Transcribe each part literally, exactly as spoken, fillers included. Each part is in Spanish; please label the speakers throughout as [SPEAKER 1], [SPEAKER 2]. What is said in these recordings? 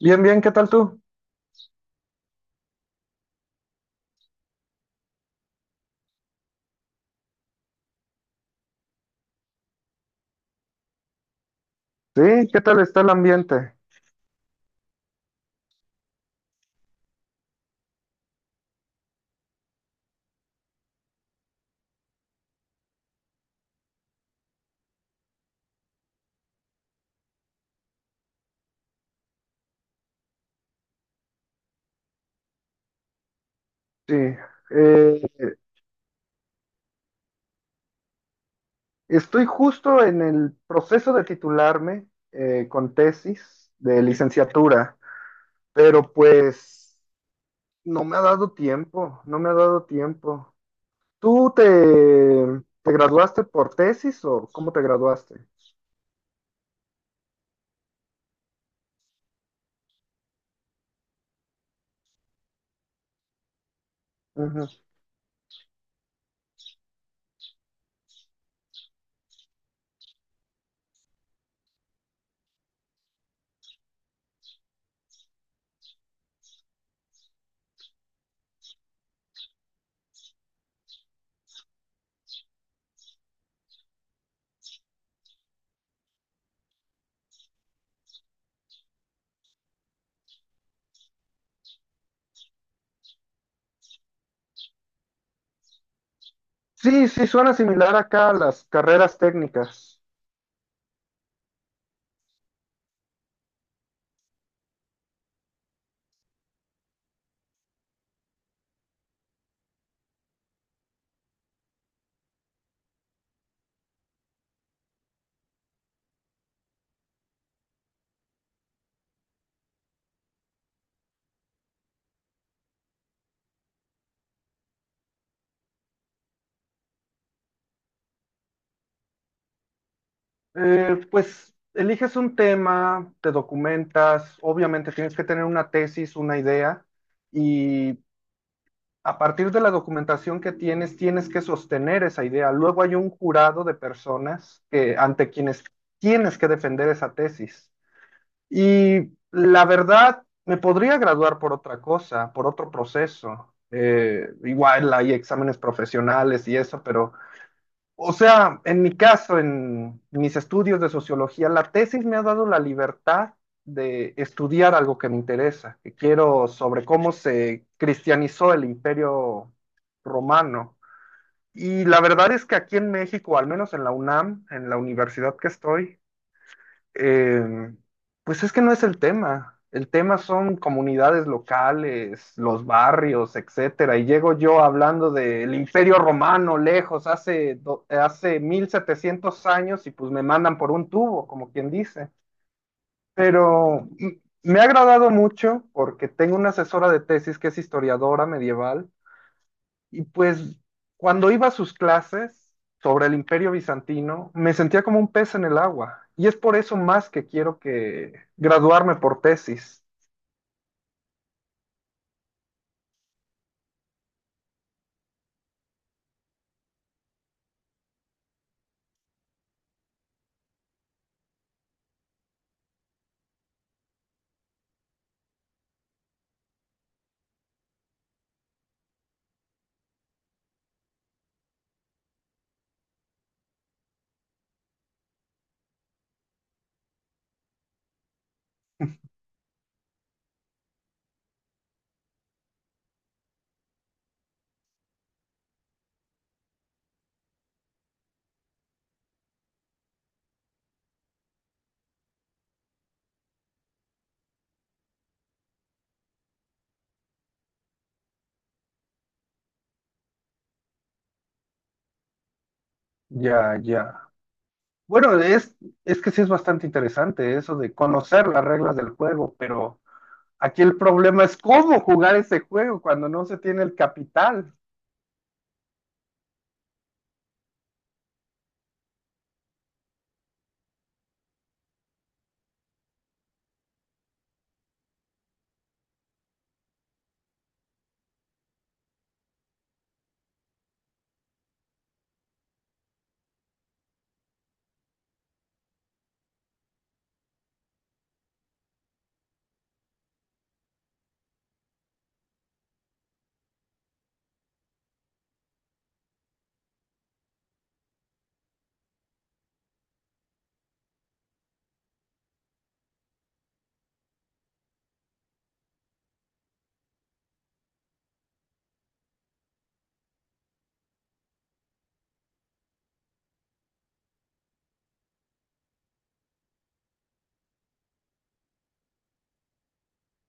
[SPEAKER 1] Bien, bien, ¿qué tal tú? Sí, ¿qué tal está el ambiente? Sí, eh, estoy justo en el proceso de titularme eh, con tesis de licenciatura, pero pues no me ha dado tiempo, no me ha dado tiempo. ¿Tú te, te graduaste por tesis o cómo te graduaste? Ujú. Sí, sí, suena similar acá a las carreras técnicas. Eh, pues eliges un tema, te documentas, obviamente tienes que tener una tesis, una idea, y a partir de la documentación que tienes, tienes que sostener esa idea. Luego hay un jurado de personas que, ante quienes tienes que defender esa tesis. Y la verdad, me podría graduar por otra cosa, por otro proceso. Eh, igual hay exámenes profesionales y eso, pero... O sea, en mi caso, en mis estudios de sociología, la tesis me ha dado la libertad de estudiar algo que me interesa, que quiero sobre cómo se cristianizó el Imperio Romano. Y la verdad es que aquí en México, al menos en la UNAM, en la universidad que estoy, eh, pues es que no es el tema. El tema son comunidades locales, los barrios, etcétera. Y llego yo hablando del Imperio Romano lejos, hace, do- hace mil setecientos años, y pues me mandan por un tubo, como quien dice. Pero mm, me ha agradado mucho porque tengo una asesora de tesis que es historiadora medieval y pues cuando iba a sus clases sobre el Imperio Bizantino, me sentía como un pez en el agua. Y es por eso más que quiero que graduarme por tesis. Ya, ya. Bueno, es, es que sí es bastante interesante eso de conocer las reglas del juego, pero aquí el problema es cómo jugar ese juego cuando no se tiene el capital.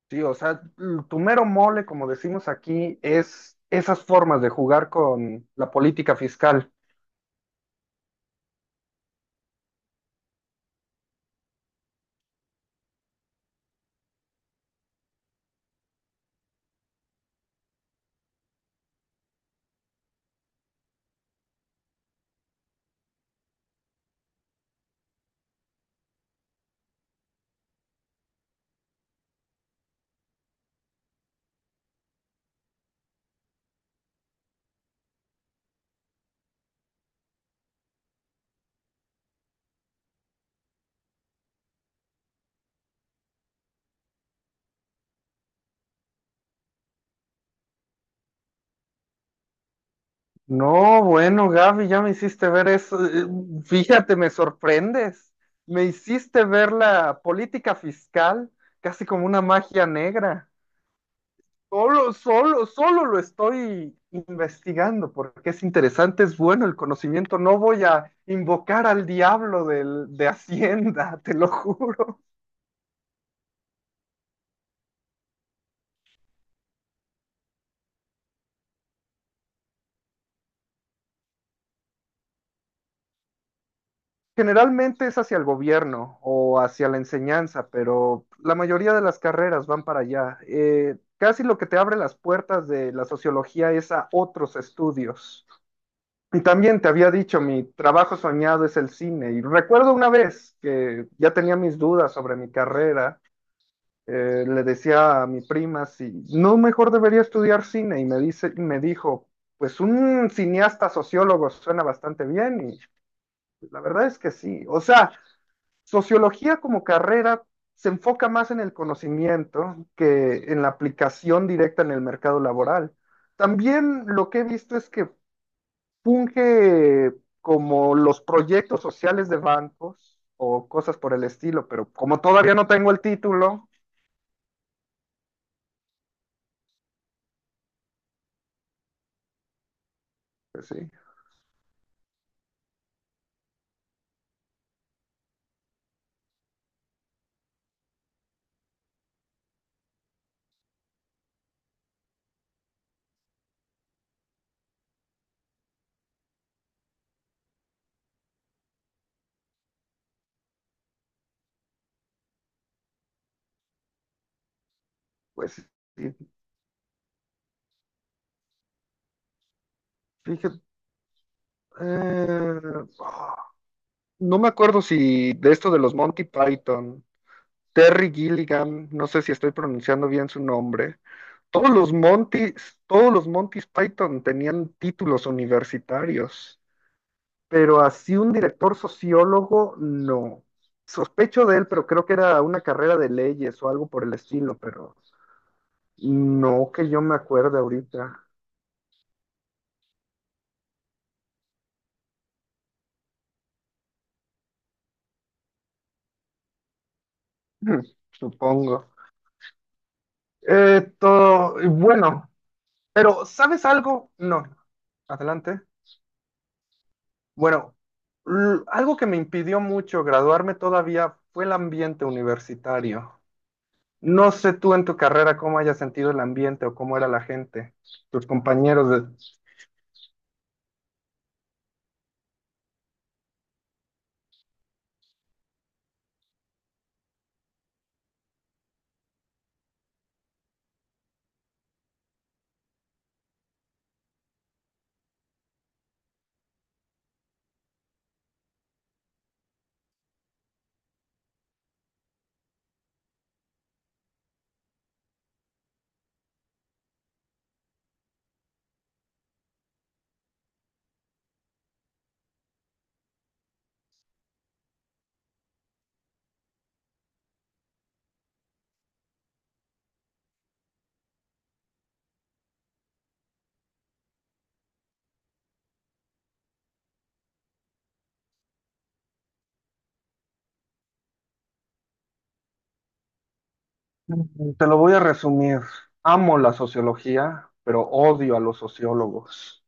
[SPEAKER 1] Sí, o sea, l- tu mero mole, como decimos aquí, es esas formas de jugar con la política fiscal. No, bueno, Gaby, ya me hiciste ver eso. Eh, Fíjate, me sorprendes. Me hiciste ver la política fiscal casi como una magia negra. Solo, solo, solo lo estoy investigando porque es interesante, es bueno el conocimiento. No voy a invocar al diablo del, de Hacienda, te lo juro. Generalmente es hacia el gobierno o hacia la enseñanza, pero la mayoría de las carreras van para allá. Eh, casi lo que te abre las puertas de la sociología es a otros estudios. Y también te había dicho, mi trabajo soñado es el cine. Y recuerdo una vez que ya tenía mis dudas sobre mi carrera, eh, le decía a mi prima si no mejor debería estudiar cine y me dice, y me dijo, pues un cineasta sociólogo suena bastante bien y la verdad es que sí. O sea, sociología como carrera se enfoca más en el conocimiento que en la aplicación directa en el mercado laboral. También lo que he visto es que funge como los proyectos sociales de bancos o cosas por el estilo, pero como todavía no tengo el título, pues sí, pues sí, fíjate, eh, ah, no me acuerdo si de esto de los Monty Python, Terry Gilligan, no sé si estoy pronunciando bien su nombre. Todos los Montis, todos los Montis Python tenían títulos universitarios, pero así un director sociólogo, no. Sospecho de él, pero creo que era una carrera de leyes o algo por el estilo, pero no que yo me acuerde ahorita. Hmm, supongo. Eh, to- bueno, pero ¿sabes algo? No. Adelante. Bueno, l- algo que me impidió mucho graduarme todavía fue el ambiente universitario. No sé tú en tu carrera cómo hayas sentido el ambiente o cómo era la gente, tus compañeros. de- Te lo voy a resumir. Amo la sociología, pero odio a los sociólogos.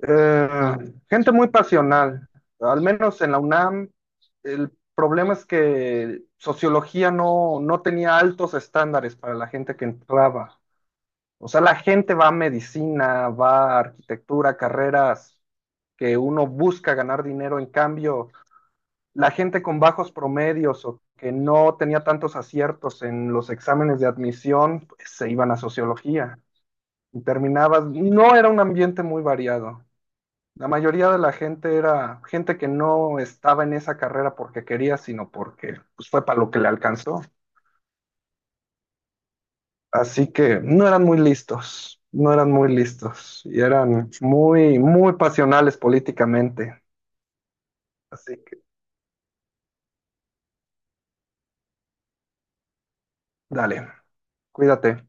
[SPEAKER 1] Eh, gente muy pasional. Al menos en la UNAM, el problema es que sociología no, no tenía altos estándares para la gente que entraba. O sea, la gente va a medicina, va a arquitectura, carreras que uno busca ganar dinero en cambio. La gente con bajos promedios o que no tenía tantos aciertos en los exámenes de admisión, pues, se iban a sociología y terminabas, no era un ambiente muy variado. La mayoría de la gente era gente que no estaba en esa carrera porque quería, sino porque pues, fue para lo que le alcanzó. Así que no eran muy listos, no eran muy listos y eran muy, muy pasionales políticamente. Así que dale, cuídate.